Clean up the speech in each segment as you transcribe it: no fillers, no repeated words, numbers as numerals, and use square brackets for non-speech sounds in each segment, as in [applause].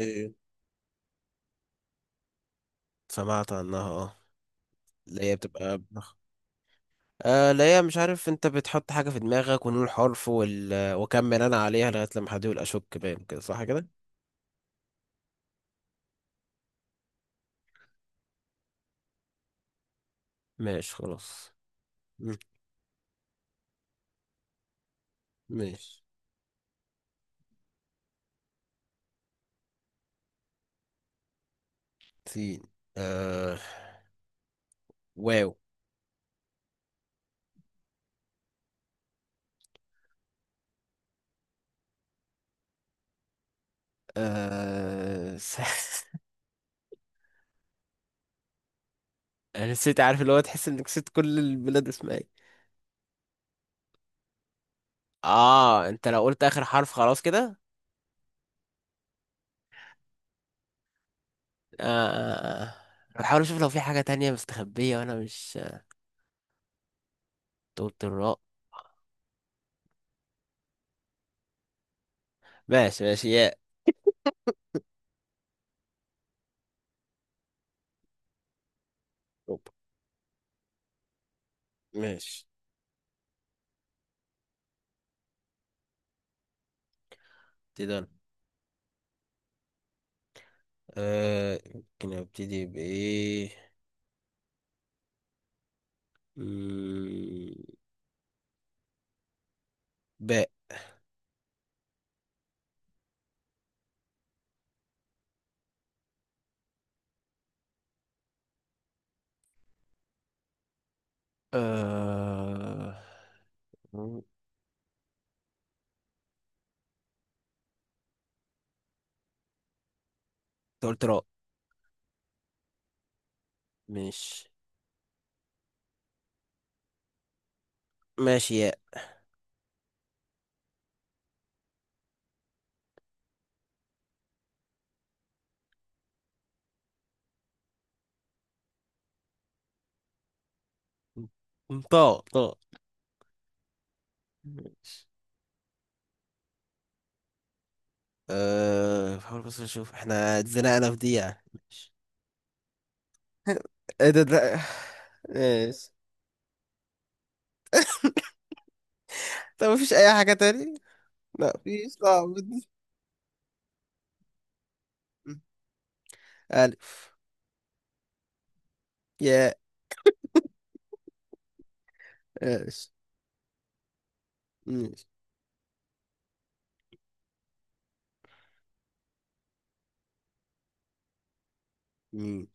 إيه، سمعت عنها اه. اللي هي بتبقى بنخ... اللي هي مش عارف، انت بتحط حاجة في دماغك ونقول حرف، وال... وكمل انا عليها لغاية لما حد يقول اشك، باين كده، صح كده. ماشي خلاص. مم، ماشي. سين آه واو آه س... [laughs] انا نسيت، عارف اللي هو تحس انك نسيت كل البلاد اسمها ايه. اه انت لو قلت اخر حرف خلاص كده. آه. بحاول اشوف لو في حاجة تانية مستخبية وانا مش قلت الراء. ماشي ماشي، ياء. ماشي، ابتدي انا. آه يمكن ابتدي بايه. مم، باء. آه. مم، انت قلت راء. ماشي. ماشي ياء. مم، طاء طاء. ماشي. آه بحاول بس اشوف احنا اتزنقنا في دي، يعني ماشي. ايه ده. ماشي. طب مفيش اي حاجة تاني. لا مفيش، صعب دي. ألف، ياء. ماشي ماشي. مم.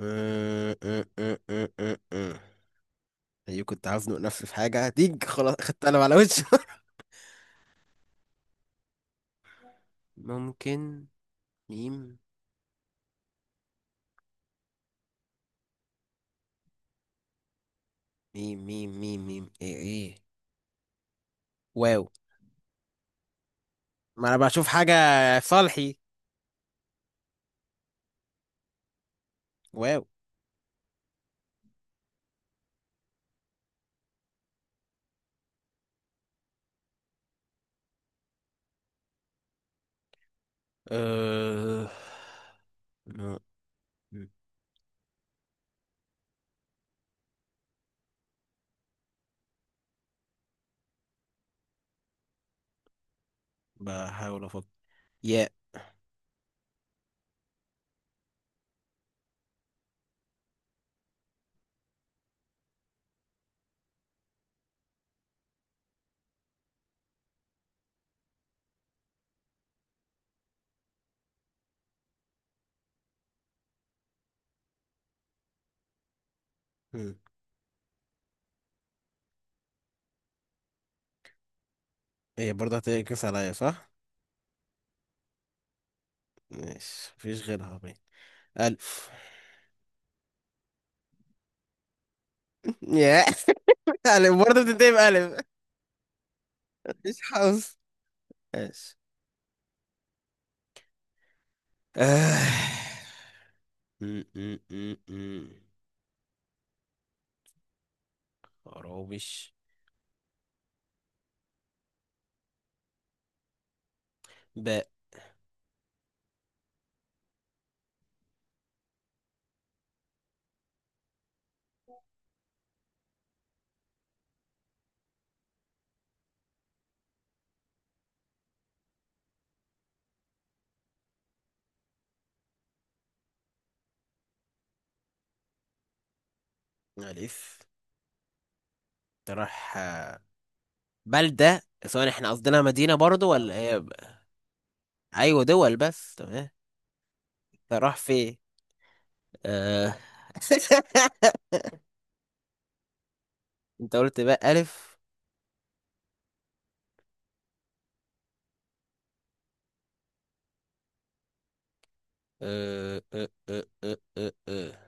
آه. ايوه كنت هزنق نفسي في حاجة هتيج، خلاص خدت قلم على وشه. [laughs] ممكن. ميم ميم ميم ميم ميم، ايه ايه. واو. ما انا بشوف حاجة في صالحي. واو. أه... م- م- بحاول افكر. ياء. م. ايه برضه هتنكس عليا، صح؟ ماشي، مفيش غيرها باين. ألف. [laughs] ياء. ألف، برضه بتنتهي بألف. [laughs] مفيش حظ. ماشي. آه. م. خرابش. باء. ألف. تروح آه، بلدة سواء، احنا قصدنا مدينة برضو ولا هي أيوة، دول بس، تمام. تروح في آه... [laughs] انت قلت بقى ألف. آه،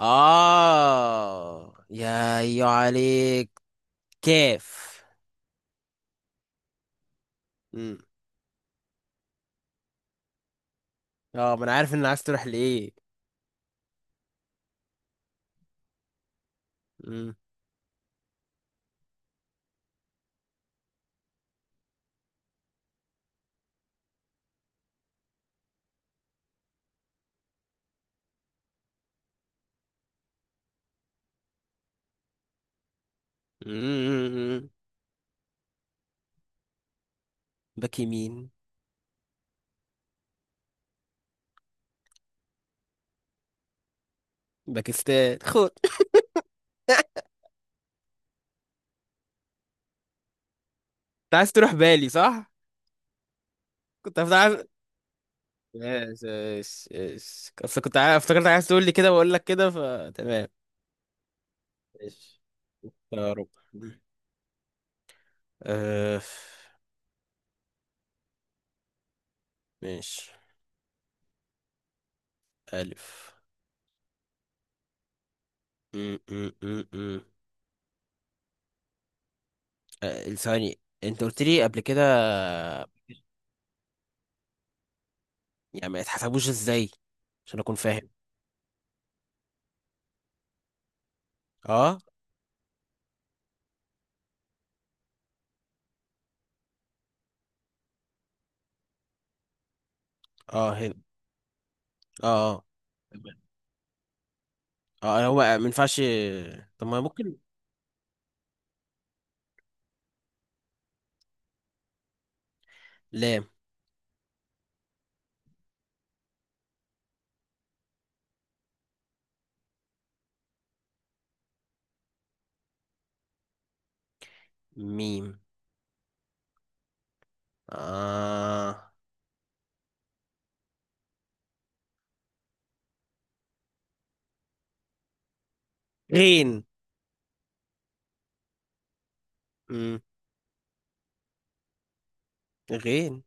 آه، يا أيوة عليك. كيف. مم. اه ما انا عارف ان عايز تروح لإيه. مم. مم. باك يمين. باكستان خد. انت عايز تروح بالي، صح؟ كنت عايز. يس يس يس، اصل كنت افتكرت عايز تقول لي كده واقول لك كده، فتمام. ماشي، يا رب. أه. ماشي ألف. م. أه، ثواني، أنت قلت لي قبل كده يعني ما يتحسبوش إزاي، عشان أكون فاهم. أه. أه هنا. أه. أه، تمام. أه هو ما ينفعش. طب ما ممكن. لام. ميم. آه. غين. م. غين.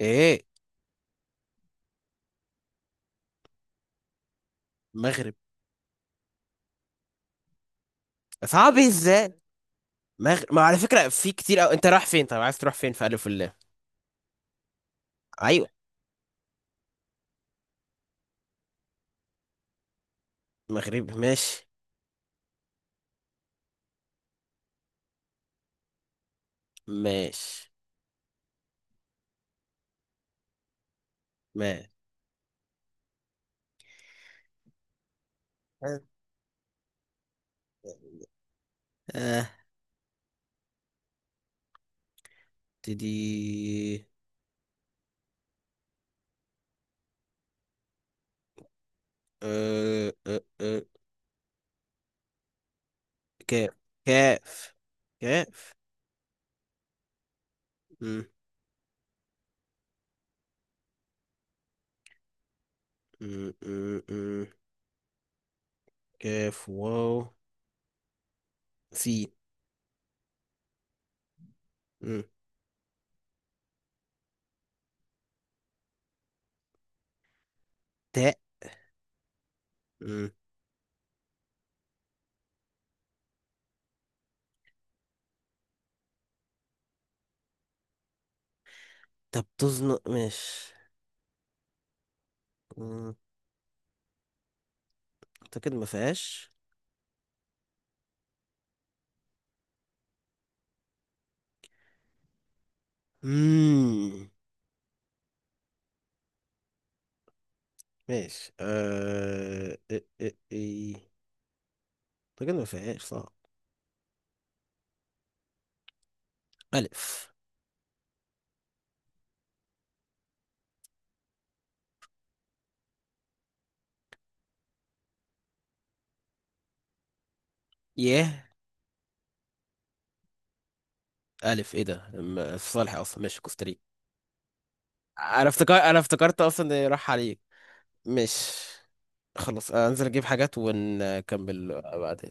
إيه. مغرب. صعب إزاي. مغ... ما على فكرة في كتير، انت رايح فين، طيب عايز تروح فين في ألف الله. ايوه، مغرب. ماشي. ماشي ماشي. اه، تدي. أه. كاف كاف كاف. م- م- م- م. كاف واو. سين. م. تاء. م. طب تزنق، ماشي. م. اعتقد ما فيهاش. مم. ماشي أه. اعتقد ما فيهاش، صح. ألف. ياه. ألف إيه ده، في صالح أصلا. ماشي كوستاريكا. أنا افتكر، أنا افتكرت أصلا إن راح عليك. مش. خلاص، أنزل أجيب حاجات ونكمل بعدين.